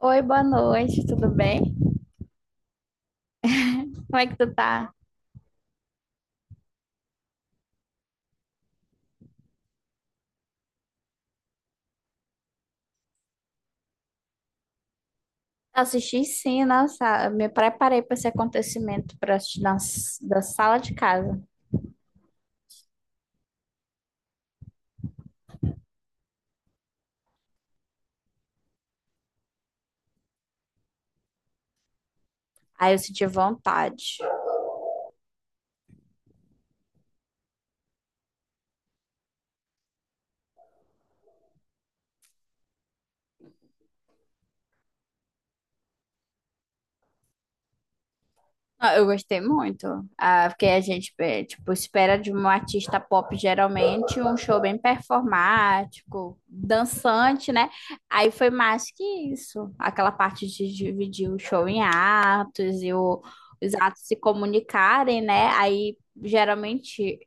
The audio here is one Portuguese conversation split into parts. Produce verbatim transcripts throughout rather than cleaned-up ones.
Oi, boa noite, tudo bem? Como é que tu tá? Assisti sim, nossa, me preparei para esse acontecimento para assistir na, s- da sala de casa. Aí eu senti vontade. Ah, Eu gostei muito, ah, porque a gente, eh, tipo, espera de um artista pop geralmente um show bem performático, dançante, né? Aí foi mais que isso, aquela parte de dividir o show em atos e o- os atos se comunicarem, né? Aí geralmente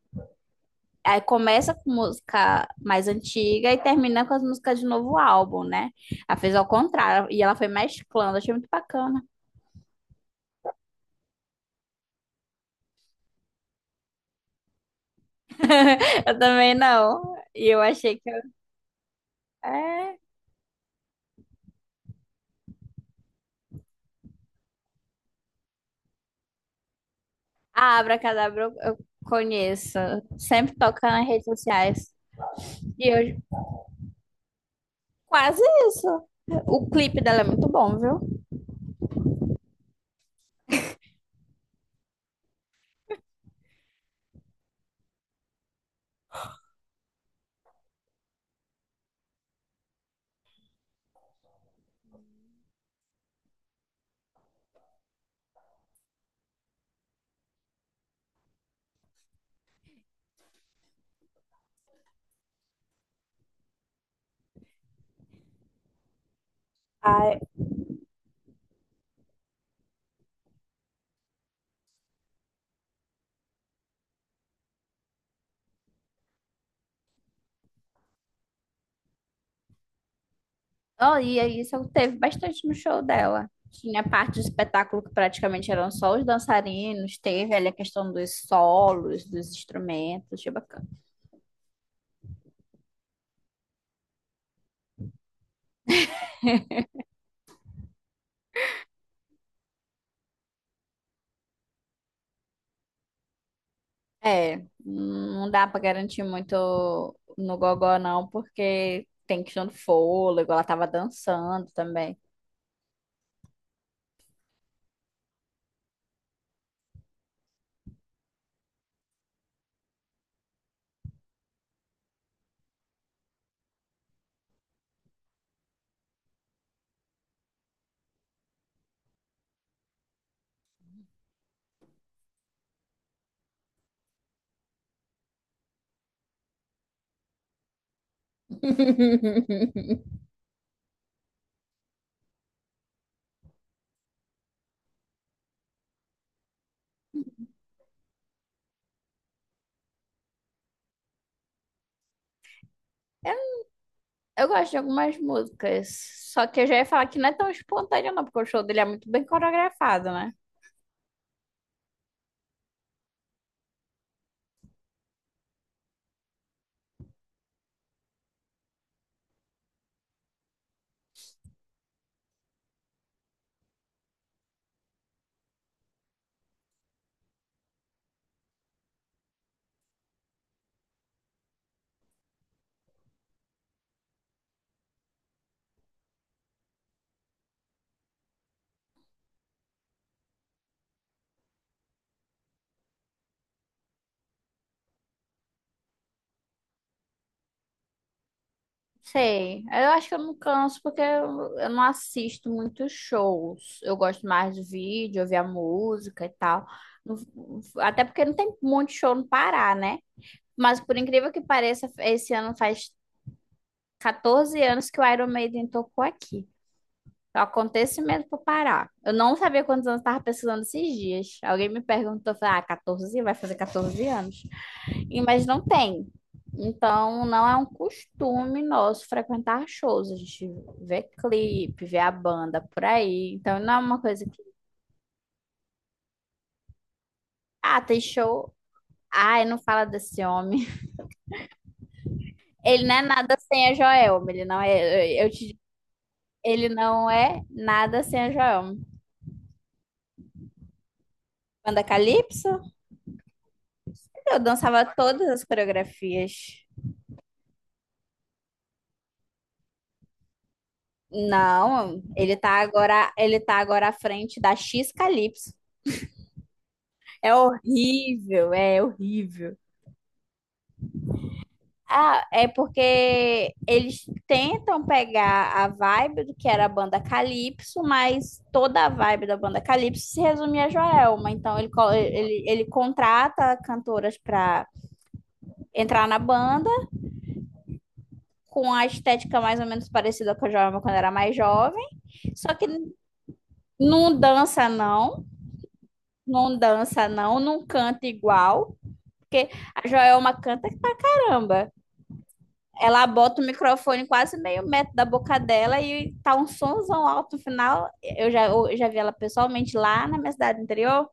Aí começa com música mais antiga e termina com as músicas de novo álbum, né? Ela fez ao contrário, e ela foi mesclando, achei muito bacana. Eu também não. E eu achei que. Eu- É. A Abracadabra eu eu conheço. Sempre toca nas redes sociais. E eu quase isso. O clipe dela é muito bom, viu? Ah, Oh, e aí isso teve bastante no show dela. Tinha parte do espetáculo que praticamente eram só os dançarinos, teve ali a questão dos solos, dos instrumentos, achei bacana. É, não dá pra garantir muito no gogó não, porque tem questão do fôlego, ela tava dançando também. Eu gosto de algumas músicas, só que eu já ia falar que não é tão espontâneo não, porque o show dele é muito bem coreografado, né? Sei. Eu acho que eu não canso porque eu, eu não assisto muitos shows. Eu gosto mais de vídeo, ouvir a música e tal. Não- Até porque não tem muito show no Pará, né? Mas por incrível que pareça, esse ano faz catorze anos que o Iron Maiden tocou aqui. É um acontecimento pro Pará. Eu não sabia quantos anos eu tava pesquisando esses dias. Alguém me perguntou, eu falei, ah, catorze? Vai fazer catorze anos. E- Mas não tem. Então, não é um costume nosso frequentar shows. A gente vê clipe, vê a banda por aí. Então, não é uma coisa que. Ah, tem show. Ai, não fala desse homem. Ele não é nada sem a Joelma. Ele não é. Eu te... Ele não é nada sem a Joelma. Banda Calypso? Eu dançava todas as coreografias. Não, ele tá agora, ele tá agora à frente da X Calypso. É horrível, é horrível. Ah, é porque eles tentam pegar a vibe do que era a banda Calypso, mas toda a vibe da banda Calypso se resume a Joelma. Então ele, co- ele, ele contrata cantoras para entrar na banda com a estética mais ou menos parecida com a Joelma quando era mais jovem, só que não dança não, não dança não, não canta igual, porque a Joelma canta pra caramba. Ela bota o microfone quase meio metro da boca dela e tá um somzão alto no final. Eu já, eu já vi ela pessoalmente lá na minha cidade interior.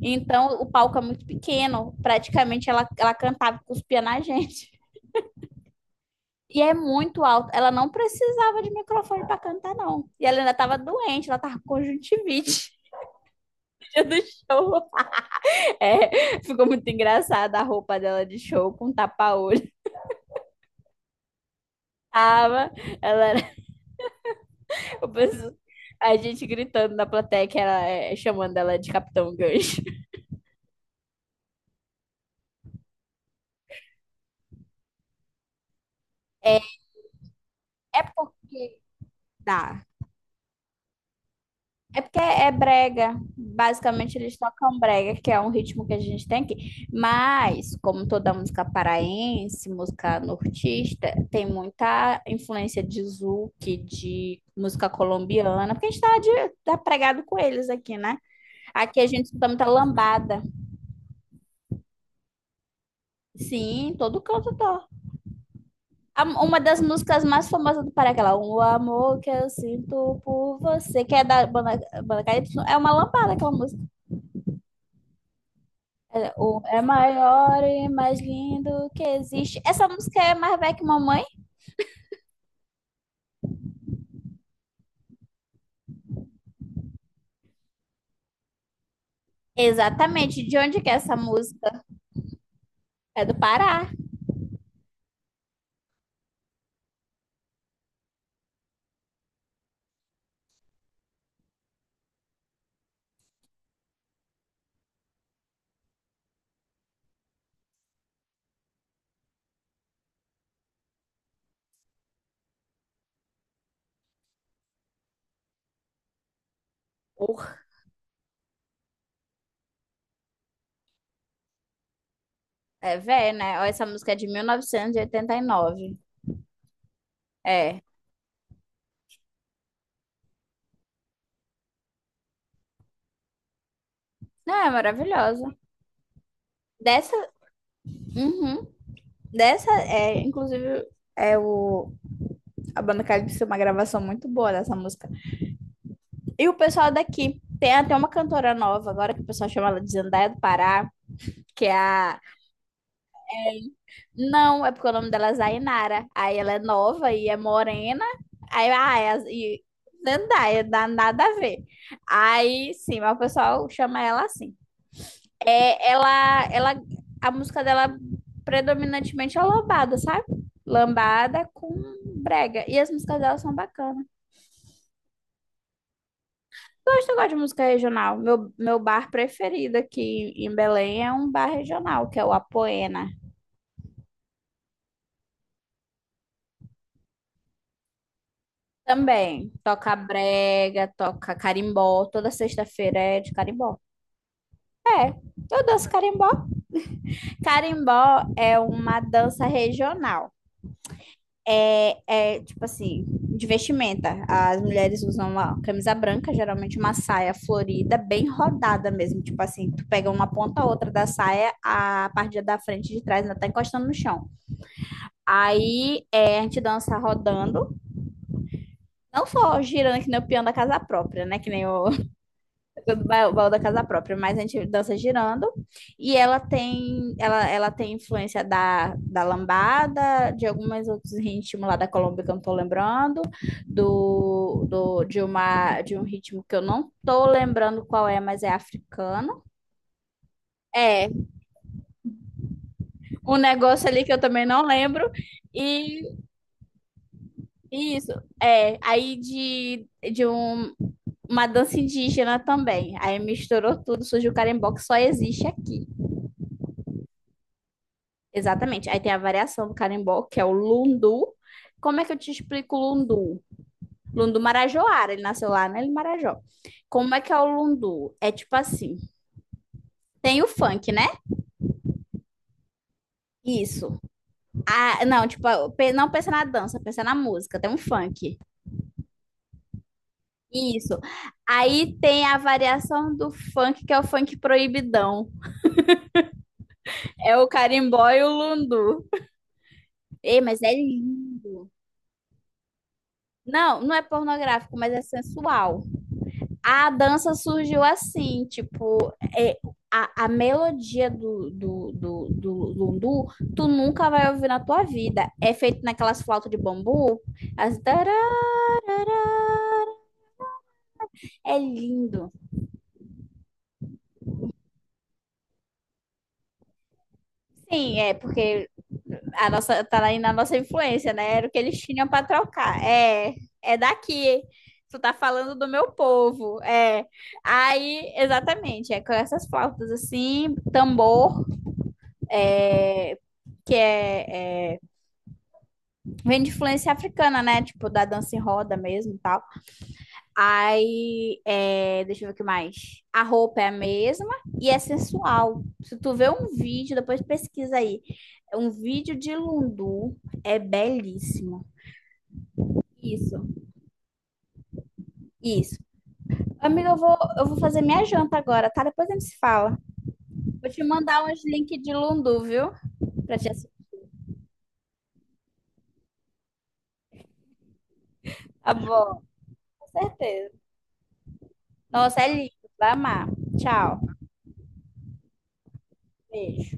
Então o palco é muito pequeno. Praticamente ela, ela cantava e cuspia na gente. E é muito alto. Ela não precisava de microfone para cantar, não. E ela ainda tava doente, ela tava com conjuntivite. Então, é, ficou muito engraçada a roupa dela de show com tapa-olho. Tava, ela Eu penso- a gente gritando na plateia, que ela é, chamando ela de Capitão Gancho. É, é porque dá. É porque é é brega. Basicamente, eles tocam brega, que é um ritmo que a gente tem aqui. Mas, como toda música paraense, música nortista, tem muita influência de zouk, de música colombiana, porque a gente tá, de, tá pregado com eles aqui, né? Aqui a gente escuta muita lambada. Sim, em todo canto toca. A- Uma das músicas mais famosas do Pará, aquela O Amor Que Eu Sinto Por Você, que é da banda, banda K Y, é uma lambada aquela música. É, o é maior e mais lindo que existe. Essa música é mais velha que mamãe? Exatamente. De onde que é essa música? É do Pará. Por. É velha, né? Ó, essa música é de mil novecentos e oitenta e nove. É. Não, é maravilhosa. Dessa, uhum. Dessa, é, inclusive, é o, a banda calypso uma gravação muito boa dessa música. E o pessoal daqui. Tem até uma cantora nova agora que o pessoal chama ela de Zendaya do Pará, que é a. Não, é porque o nome dela é Zainara. Aí ela é nova e é morena. Aí, ah, é a- e Zendaya, dá nada a ver. Aí, sim, mas o pessoal chama ela assim. É, ela, ela, a música dela predominantemente é lambada, sabe? Lambada com brega. E as músicas dela são bacanas. Gosto, eu gosto de música regional. Meu, meu bar preferido aqui em Belém é um bar regional, que é o Apoena. Também toca brega, toca carimbó. Toda sexta-feira é de carimbó. É, eu danço carimbó. Carimbó é uma dança regional. É, é tipo assim, de vestimenta. As mulheres usam uma camisa branca, geralmente uma saia florida, bem rodada mesmo. Tipo assim, tu pega uma ponta a outra da saia, a parte da frente e de trás ainda tá encostando no chão. Aí é, a gente dança rodando, não só girando que nem o peão da casa própria, né? Que nem o, o ba- baú da casa própria, mas a gente dança girando. E ela tem, ela, ela tem influência da, da lambada, de alguns outros ritmos lá da Colômbia que eu não tô lembrando, do, do, de uma, de um ritmo que eu não tô lembrando qual é, mas é africano. É, um negócio ali que eu também não lembro. E e isso, é, aí de, de um uma dança indígena também. Aí misturou tudo, surgiu o carimbó que só existe aqui. Exatamente. Aí tem a variação do carimbó, que é o lundu. Como é que eu te explico o lundu? Lundu Marajoara, ele nasceu lá, né? Ele Marajó. Como é que é o lundu? É tipo assim, tem o funk, né? Isso. Ah, não, tipo, pe- não pensa na dança, pensa na música, tem um funk. Isso. Aí tem a variação do funk, que é o funk proibidão. É o carimbó e o lundu. Ei, mas é lindo. Não, não é pornográfico, mas é sensual. A dança surgiu assim, tipo, é, a, a melodia do, do, do, do lundu, tu nunca vai ouvir na tua vida. É feito naquelas flautas de bambu, as tará, é lindo. Sim, é porque a nossa tá aí na nossa influência, né? Era o que eles tinham para trocar. É, é daqui. Tu tá falando do meu povo. É. Aí, exatamente, é com essas flautas assim, tambor, é, que é, é, vem de influência africana, né? Tipo, da dança em roda mesmo e tal. Aí, é, deixa eu ver o que mais. A roupa é a mesma e é sensual. Se tu vê um vídeo, depois pesquisa aí. Um vídeo de Lundu é belíssimo. Isso, isso. Amiga, eu vou, eu vou fazer minha janta agora, tá? Depois a gente se fala. Vou te mandar uns links de Lundu, viu? Pra te assistir. Tá bom, com certeza. Nossa, é lindo. Vai amar. Tchau. Beijo.